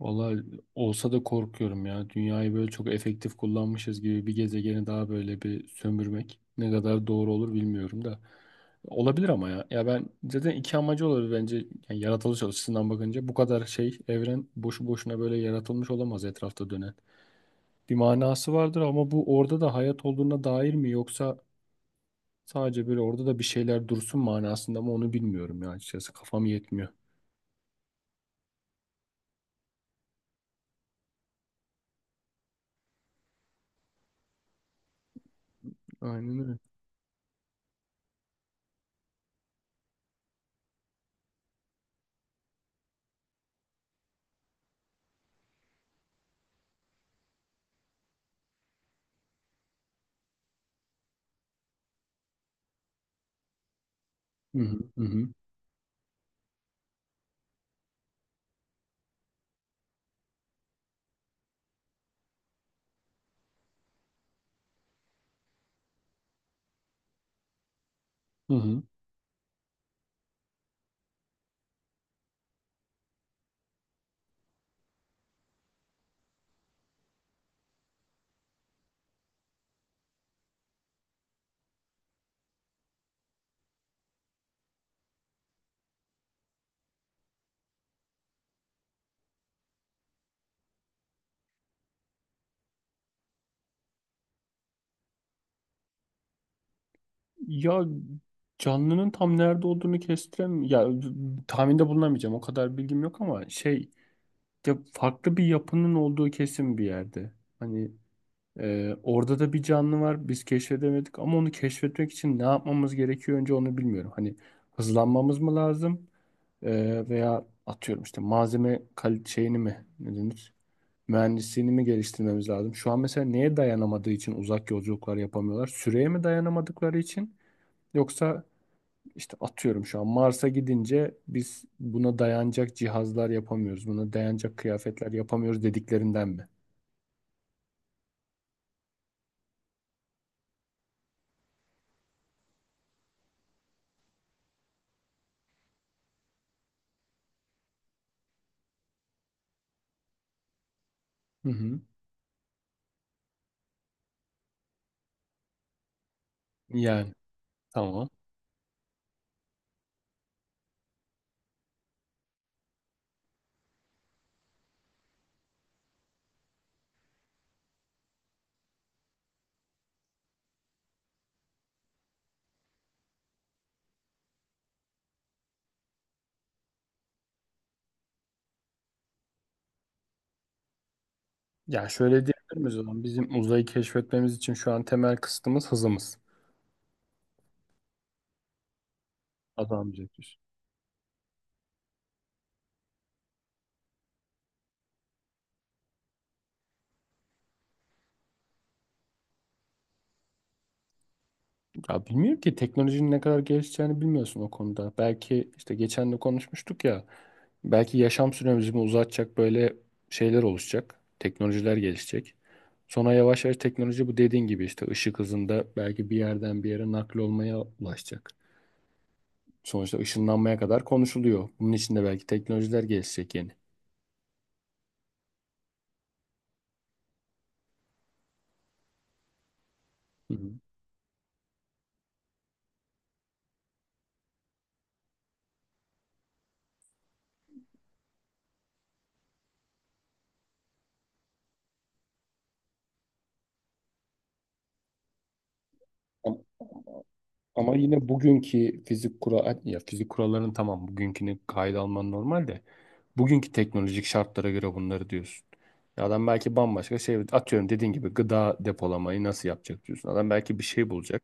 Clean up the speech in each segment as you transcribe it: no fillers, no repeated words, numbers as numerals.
Vallahi olsa da korkuyorum ya. Dünyayı böyle çok efektif kullanmışız, gibi bir gezegeni daha böyle bir sömürmek ne kadar doğru olur bilmiyorum da. Olabilir ama ya. Ya ben zaten iki amacı olabilir bence. Yani yaratılış açısından bakınca bu kadar şey evren boşu boşuna böyle yaratılmış olamaz etrafta dönen. Bir manası vardır ama bu orada da hayat olduğuna dair mi, yoksa sadece böyle orada da bir şeyler dursun manasında mı onu bilmiyorum ya, açıkçası. Kafam yetmiyor. Aynen öyle. Hı hı hı hı. Hı hı. Ya canlının tam nerede olduğunu kestirem ya tahminde bulunamayacağım, o kadar bilgim yok ama ya farklı bir yapının olduğu kesin bir yerde. Hani orada da bir canlı var, biz keşfedemedik ama onu keşfetmek için ne yapmamız gerekiyor, önce onu bilmiyorum. Hani hızlanmamız mı lazım? Veya atıyorum işte şeyini mi, ne denir? Mühendisliğini mi geliştirmemiz lazım? Şu an mesela neye dayanamadığı için uzak yolculuklar yapamıyorlar? Süreye mi dayanamadıkları için? Yoksa işte atıyorum şu an Mars'a gidince biz buna dayanacak cihazlar yapamıyoruz, buna dayanacak kıyafetler yapamıyoruz dediklerinden mi? Hı hı. Yani tamam. Ya şöyle diyebilir miyiz o zaman, bizim uzayı keşfetmemiz için şu an temel kısıtımız hızımız. Adam. Ya bilmiyorum ki, teknolojinin ne kadar gelişeceğini bilmiyorsun o konuda. Belki işte geçen de konuşmuştuk ya. Belki yaşam süremizi mi uzatacak böyle şeyler oluşacak. Teknolojiler gelişecek. Sonra yavaş yavaş teknoloji bu dediğin gibi işte ışık hızında belki bir yerden bir yere nakli olmaya ulaşacak. Sonuçta ışınlanmaya kadar konuşuluyor. Bunun için de belki teknolojiler gelişecek yeni. Hı hı. Ama ama yine bugünkü fizik kurallarının, tamam, bugünkünü kayda alman normal de bugünkü teknolojik şartlara göre bunları diyorsun. Ya adam belki bambaşka şey atıyorum dediğin gibi gıda depolamayı nasıl yapacak diyorsun. Adam belki bir şey bulacak.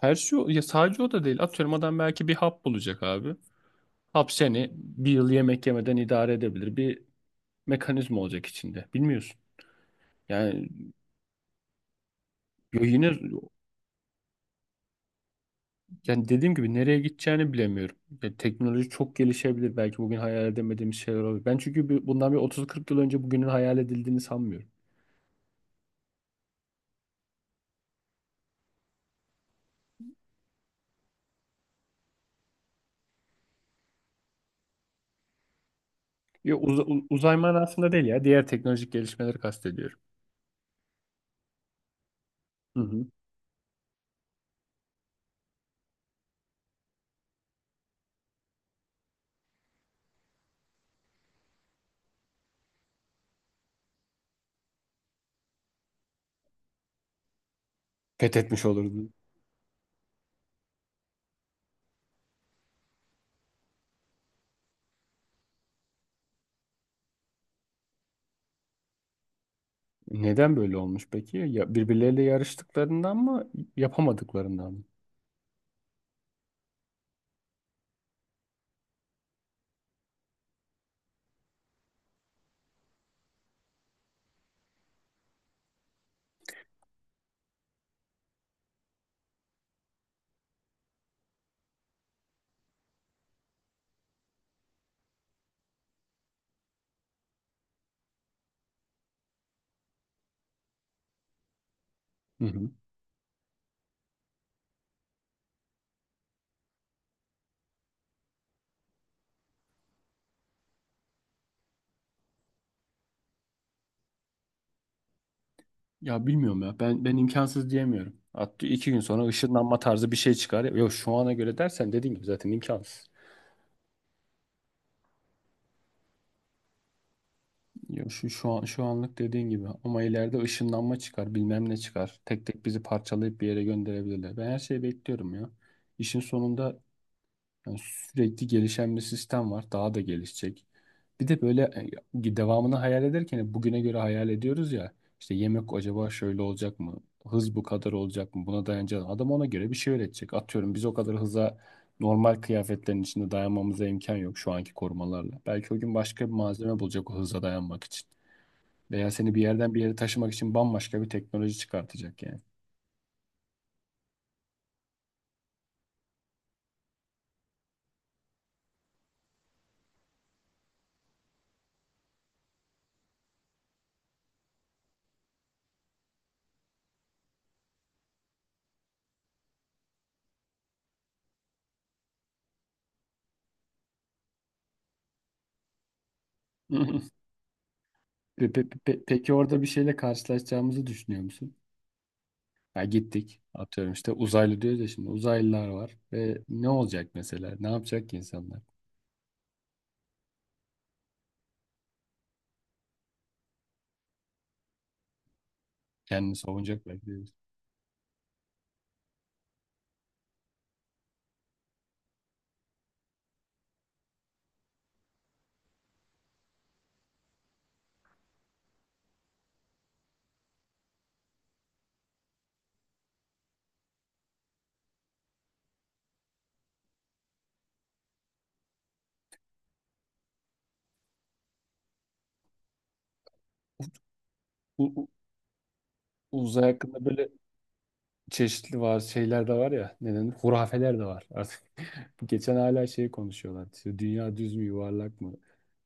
Her şey ya sadece o da değil. Atıyorum adam belki bir hap bulacak abi. Hap seni bir yıl yemek yemeden idare edebilir. Bir mekanizma olacak içinde. Bilmiyorsun. Yani yine yani dediğim gibi nereye gideceğini bilemiyorum. Ya teknoloji çok gelişebilir. Belki bugün hayal edemediğimiz şeyler olabilir. Ben çünkü bundan bir 30-40 yıl önce bugünün hayal edildiğini sanmıyorum. Yo, uzay manasında değil ya. Diğer teknolojik gelişmeleri kastediyorum. Hı hı. Fethetmiş olurdu. Neden böyle olmuş peki? Ya birbirleriyle yarıştıklarından mı, yapamadıklarından mı? Hı hı. Ya bilmiyorum ya. Ben imkansız diyemiyorum. Hatta iki gün sonra ışınlanma tarzı bir şey çıkar. Yok, şu ana göre dersen dediğin gibi zaten imkansız. Ya şu anlık dediğin gibi, ama ileride ışınlanma çıkar, bilmem ne çıkar. Tek tek bizi parçalayıp bir yere gönderebilirler. Ben her şeyi bekliyorum ya. İşin sonunda, yani sürekli gelişen bir sistem var. Daha da gelişecek. Bir de böyle devamını hayal ederken bugüne göre hayal ediyoruz ya. İşte yemek acaba şöyle olacak mı? Hız bu kadar olacak mı? Buna dayanacak. Adam ona göre bir şey öğretecek. Atıyorum biz o kadar hıza normal kıyafetlerin içinde dayanmamıza imkan yok şu anki korumalarla. Belki o gün başka bir malzeme bulacak o hıza dayanmak için. Veya seni bir yerden bir yere taşımak için bambaşka bir teknoloji çıkartacak yani. Peki orada bir şeyle karşılaşacağımızı düşünüyor musun? Ya gittik atıyorum işte uzaylı diyoruz ya, şimdi uzaylılar var ve ne olacak mesela? Ne yapacak ki insanlar? Kendini savunacak belki de. Bu uzay hakkında böyle çeşitli var şeyler de var ya, neden hurafeler de var artık. Geçen hala şey konuşuyorlar. İşte dünya düz mü, yuvarlak mı?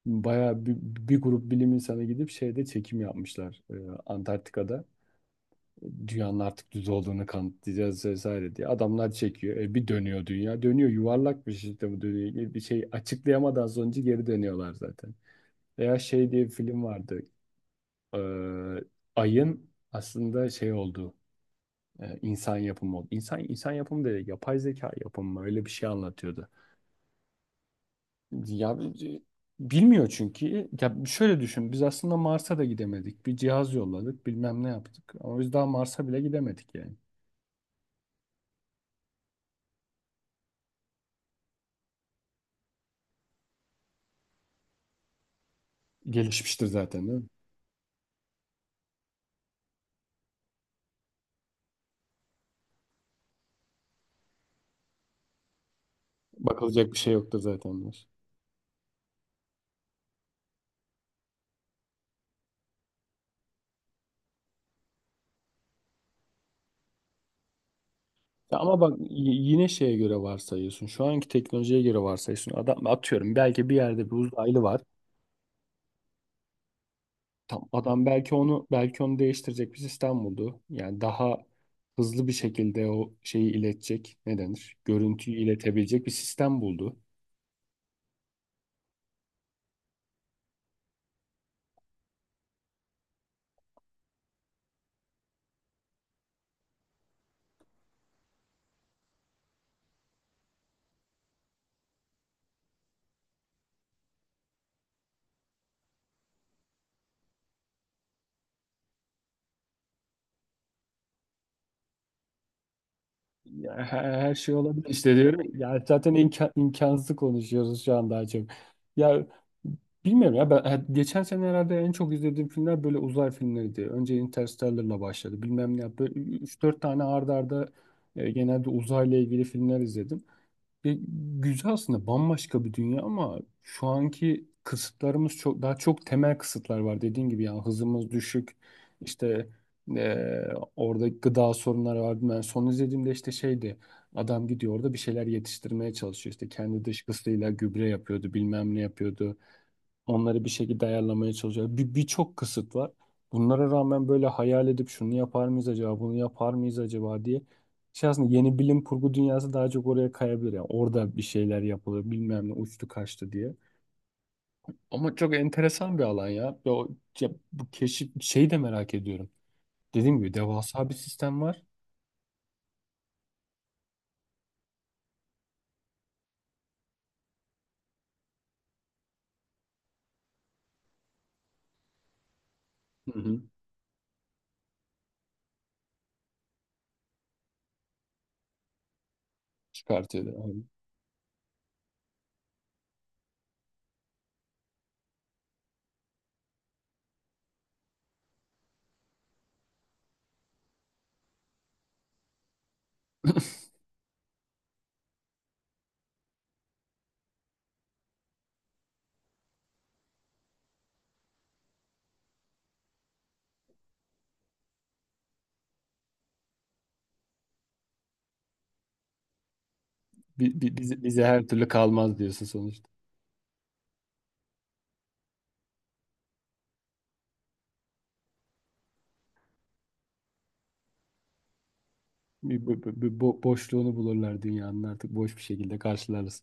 Bayağı bir, bir grup bilim insanı gidip şeyde çekim yapmışlar, Antarktika'da. Dünyanın artık düz olduğunu kanıtlayacağız vesaire diye. Adamlar çekiyor. E, bir dönüyor dünya. Dönüyor, yuvarlak bir şekilde bu dönüyor. Bir şey açıklayamadan sonucu geri dönüyorlar zaten. Veya şey diye bir film vardı. Ee, Ayın aslında şey oldu. E, insan yapımı oldu. İnsan, insan yapımı değil, yapay zeka yapımı mı? Öyle bir şey anlatıyordu. Ya e, bilmiyor çünkü. Ya şöyle düşün. Biz aslında Mars'a da gidemedik. Bir cihaz yolladık, bilmem ne yaptık. Ama biz daha Mars'a bile gidemedik yani. Gelişmiştir zaten değil mi? Bakılacak bir şey yoktur zaten diyor. Ya ama bak yine şeye göre varsayıyorsun. Şu anki teknolojiye göre varsayıyorsun. Adam atıyorum belki bir yerde bir uzaylı var. Tam adam belki onu değiştirecek bir sistem buldu. Yani daha hızlı bir şekilde o şeyi iletecek. Ne denir? Görüntüyü iletebilecek bir sistem buldu. Ya her şey olabilir işte diyorum. Ya zaten imkansız konuşuyoruz şu an daha çok. Ya bilmiyorum ya, ben ha, geçen sene herhalde en çok izlediğim filmler böyle uzay filmleriydi. Önce Interstellar'la başladı. Bilmem ne böyle üç dört tane arda arda genelde uzayla ilgili filmler izledim. Ve güzel aslında, bambaşka bir dünya, ama şu anki kısıtlarımız çok temel kısıtlar var dediğin gibi. Yani hızımız düşük, işte orada gıda sorunları var. Ben son izlediğimde işte şeydi, adam gidiyor orada bir şeyler yetiştirmeye çalışıyor, işte kendi dışkısıyla gübre yapıyordu, bilmem ne yapıyordu. Onları bir şekilde ayarlamaya çalışıyor. Birçok kısıt var. Bunlara rağmen böyle hayal edip şunu yapar mıyız acaba, bunu yapar mıyız acaba diye. Şey aslında yeni bilim kurgu dünyası daha çok oraya kayabilir. Yani orada bir şeyler yapılır, bilmem ne uçtu kaçtı diye. Ama çok enteresan bir alan ya. Ve o, ya bu keşif şeyi de merak ediyorum. Dediğim gibi devasa bir sistem var. Hı hı. Çıkartıyor da, aynen. Bize her türlü kalmaz diyorsun sonuçta. Boşluğunu bulurlar, dünyanın artık boş bir şekilde karşılarız.